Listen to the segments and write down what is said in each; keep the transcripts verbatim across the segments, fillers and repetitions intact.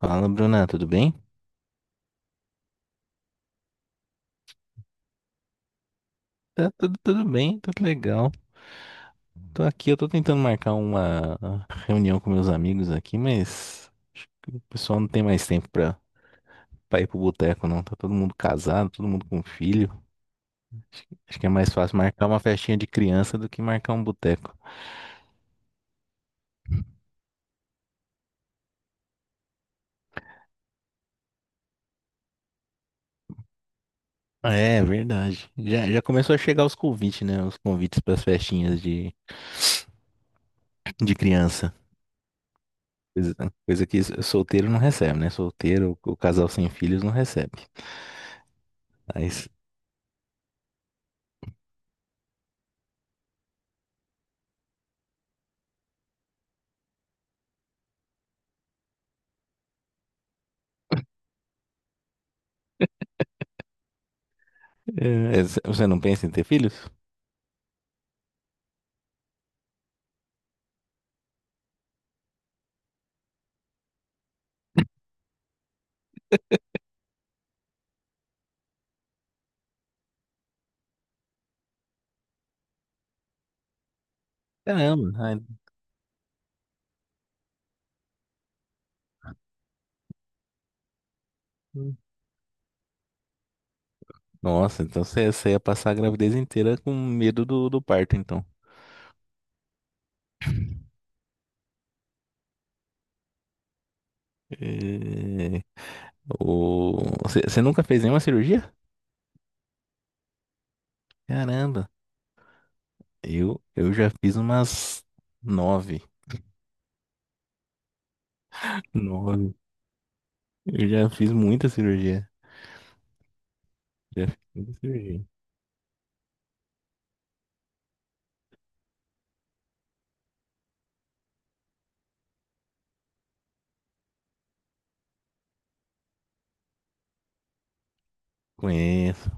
Fala, Bruna, tudo bem? Tá tudo, tudo bem, tá tudo legal. Tô aqui, eu tô tentando marcar uma reunião com meus amigos aqui, mas acho que o pessoal não tem mais tempo pra, pra ir pro boteco, não. Tá todo mundo casado, todo mundo com filho. Acho, que acho que é mais fácil marcar uma festinha de criança do que marcar um boteco. É, verdade. Já, já começou a chegar os convites, né? Os convites pras festinhas de, de, criança. Coisa, coisa que solteiro não recebe, né? Solteiro, o casal sem filhos não recebe. Aí. É, você não pensa em ter filhos? Caramba, ai. Nossa, então você, você, ia passar a gravidez inteira com medo do, do parto, então. É, o... você, você nunca fez nenhuma cirurgia? Caramba. Eu, eu já fiz umas nove. Nove. Eu já fiz muita cirurgia. Já fiz muita cirurgia. Conheço.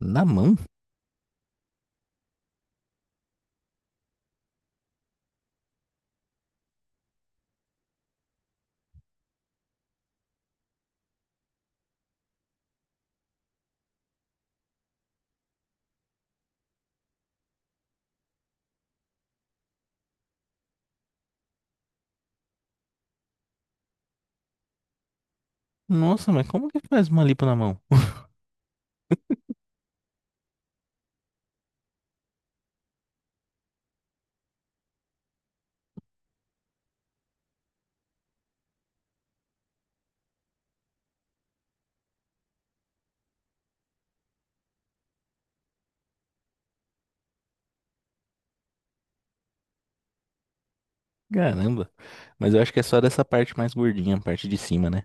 Na mão? Nossa, mas como que faz uma lipo na mão? Caramba. Mas eu acho que é só dessa parte mais gordinha, a parte de cima, né?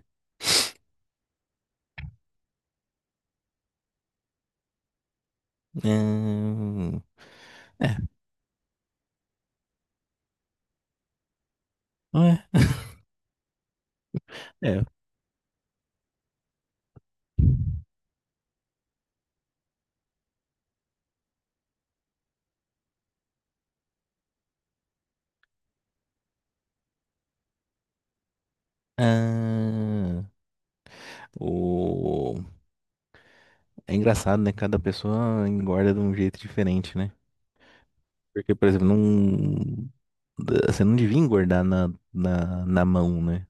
Hum. É, não é. É. Ah, o... É engraçado, né? Cada pessoa engorda de um jeito diferente, né? Porque, por exemplo, não... da- você não devia engordar na, na, na, mão, né?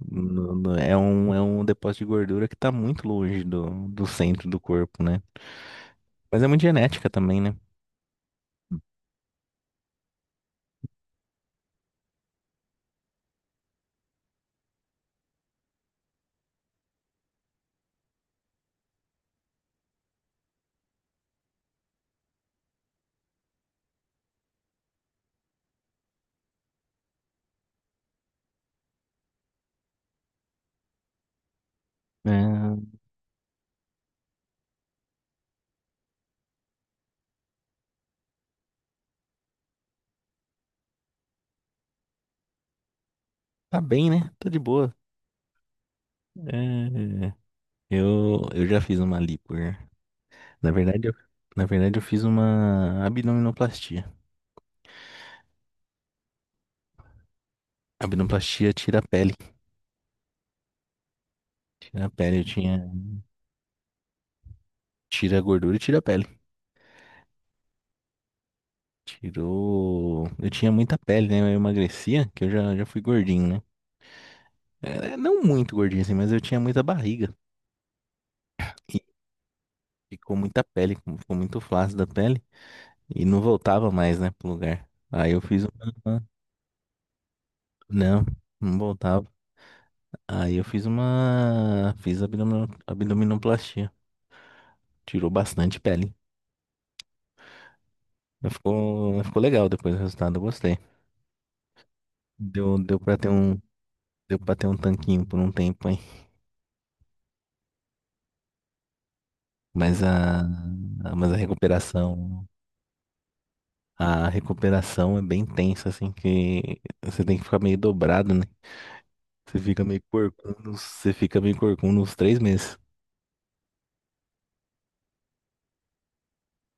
No- no- É um, é um depósito de gordura que tá muito longe do, do centro do corpo, né? Mas é muito genética também, né? É. Tá bem, né? Tô de boa. É, eu, eu já fiz uma lipo, né? Na verdade, eu, na verdade, eu fiz uma abdominoplastia. Abdominoplastia tira a pele. Tira a pele, eu tinha. Tira a gordura e tira a pele. Tirou. Eu tinha muita pele, né? Eu emagrecia, que eu já, já fui gordinho, né? É, é, não muito gordinho assim, mas eu tinha muita barriga. E ficou muita pele, ficou muito flácida a pele. E não voltava mais, né, pro lugar. Aí eu fiz uma. Não, não voltava. Aí eu fiz uma. Fiz abdomino- abdominoplastia. Tirou bastante pele. Mas Ficou, mas ficou legal depois do resultado, eu gostei. Deu, deu pra ter um, deu pra ter um tanquinho por um tempo, hein? Mas a, a- mas a recuperação, a recuperação é bem tensa, assim, que você tem que ficar meio dobrado, né? Você fica meio corcunda, você fica meio corcunda uns três meses.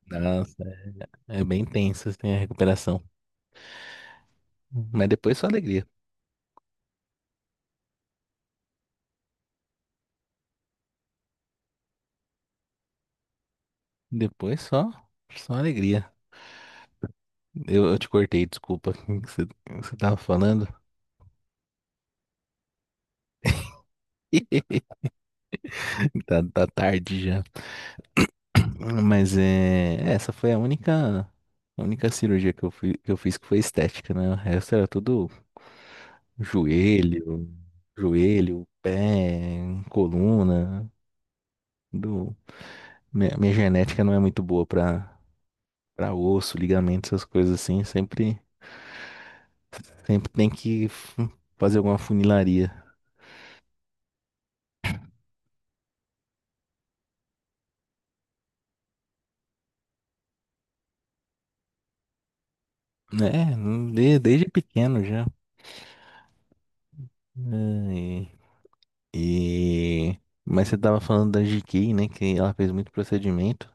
Nossa, é bem tensa, assim, a recuperação. Mas depois só alegria. Depois só, só alegria. Eu, eu te cortei, desculpa. O que você, o que você tava falando? Tá, tá tarde já. Mas é, essa foi a única, a única cirurgia que eu, fui, que eu fiz que foi estética, né? O resto era tudo joelho, joelho, pé, coluna. Do, minha, minha genética não é muito boa pra, pra, osso, ligamento, essas coisas assim. Sempre, sempre tem que f- fazer alguma funilaria. É, de- desde pequeno já. E... Mas você tava falando da G K, né? Que ela fez muito procedimento.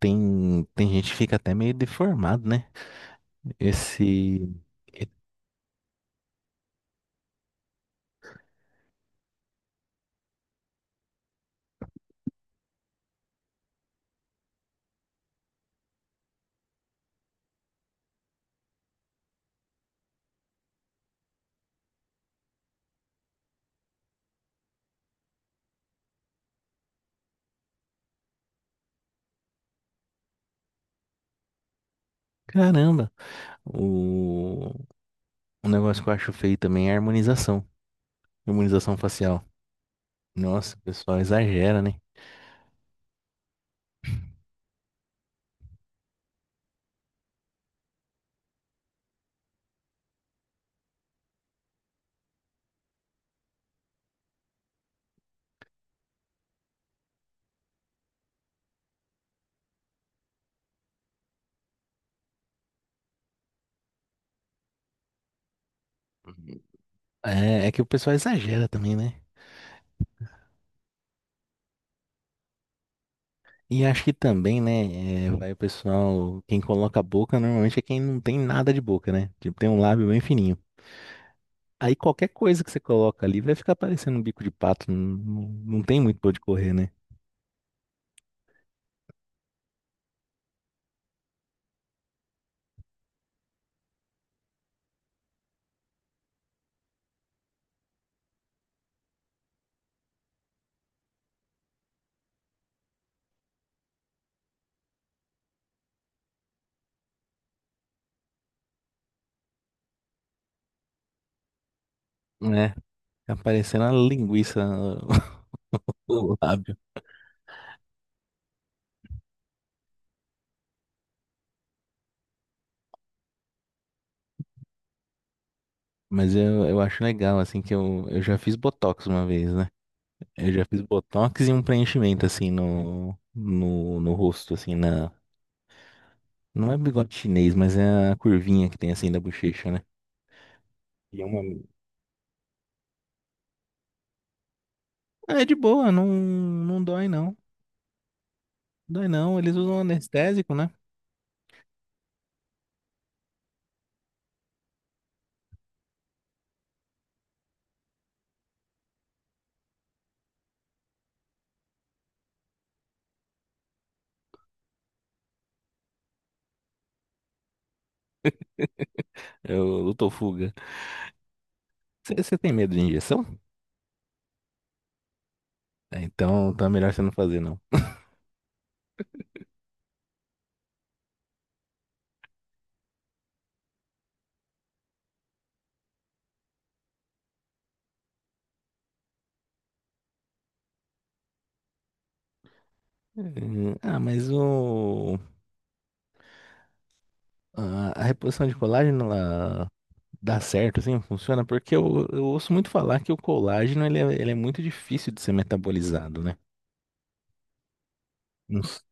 Tem, tem gente que fica até meio deformado, né? Esse. e- Caramba! O... o negócio que eu acho feio também é a harmonização. Harmonização facial. Nossa, o pessoal exagera, né? Uhum. É, é que o pessoal exagera também, né? E acho que também, né? É, vai o pessoal. Quem coloca a boca normalmente é quem não tem nada de boca, né? Tipo, tem um lábio bem fininho. Aí qualquer coisa que você coloca ali vai ficar parecendo um bico de pato. Não, não, não tem muito pra onde correr, né? É, fica parecendo uma linguiça o lábio. Mas eu, eu acho legal, assim, que eu, eu já fiz botox uma vez, né? Eu já fiz botox e um preenchimento, assim, no, no, no rosto, assim, na. Não é bigode chinês, mas é a curvinha que tem, assim, da bochecha, né? E é uma. Ah, é de boa, não, não dói, não. Dói, não. Eles usam anestésico, né? É o Lutofuga. Você tem medo de injeção? É, então, tá melhor você não fazer, não. Hum, ah. mas o... A a reposição de colágeno, ela dá certo, assim, funciona? Porque eu, eu ouço muito falar que o colágeno, ele é, ele é muito difícil de ser metabolizado, né? Não s-.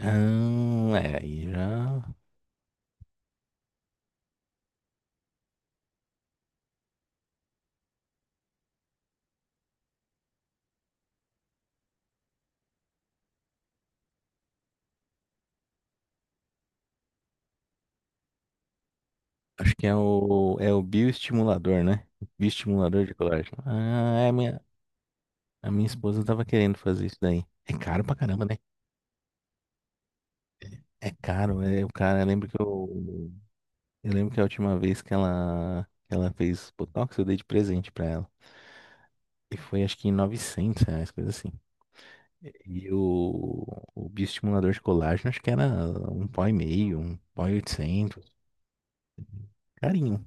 Ah, é, aí já... Acho que é o, é o bioestimulador, né? Bioestimulador de colágeno. Ah, é, a minha, a minha esposa tava querendo fazer isso daí. É caro pra caramba, né? É caro, é, o cara, lembra que eu... Eu lembro que a última vez que ela, que ela fez Botox, eu dei de presente pra ela. E foi acho que novecentos reais, coisa assim. E o, o bioestimulador de colágeno, acho que era um pó e meio, um pó e oitocentos. Carinho.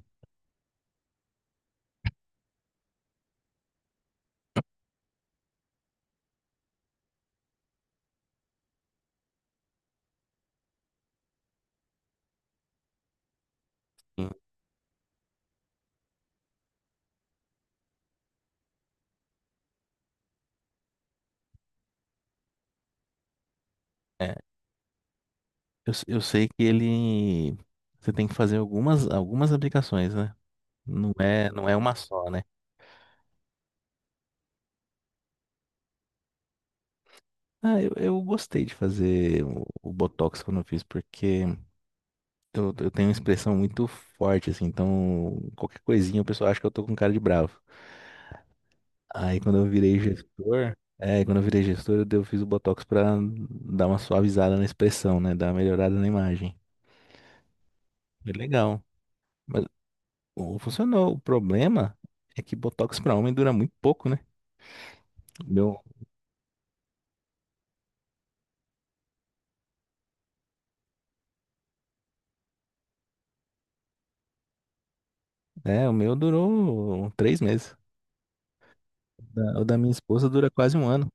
É, eu, s- eu sei que ele... Você tem que fazer algumas, algumas aplicações, né? Não é, não é uma só, né? Ah, eu, eu gostei de fazer o, o Botox quando eu fiz, porque... Eu, eu tenho uma expressão muito forte, assim, então qualquer coisinha o pessoal acha que eu tô com cara de bravo. Aí quando eu virei gestor, é, quando eu virei gestor, eu dei- eu fiz o Botox pra dar uma suavizada na expressão, né? Dar uma melhorada na imagem. Foi legal. Mas o- funcionou. O problema é que Botox pra homem dura muito pouco, né? O Meu, é, o meu durou três meses. O da, o da minha esposa dura quase um ano.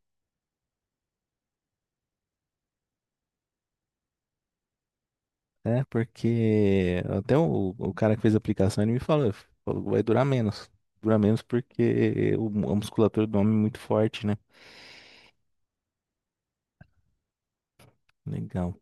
Né? Porque até o, o cara que fez a aplicação, ele me falou, falou, que vai durar menos. Dura menos porque o, a musculatura do homem é muito forte, né? Legal.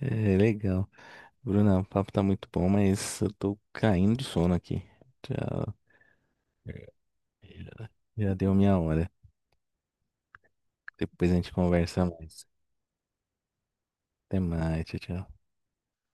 É, legal. Bruna, o papo tá muito bom, mas eu tô caindo de sono aqui. Já, já deu minha hora. Depois a gente conversa mais. Até mais, tchau, tchau.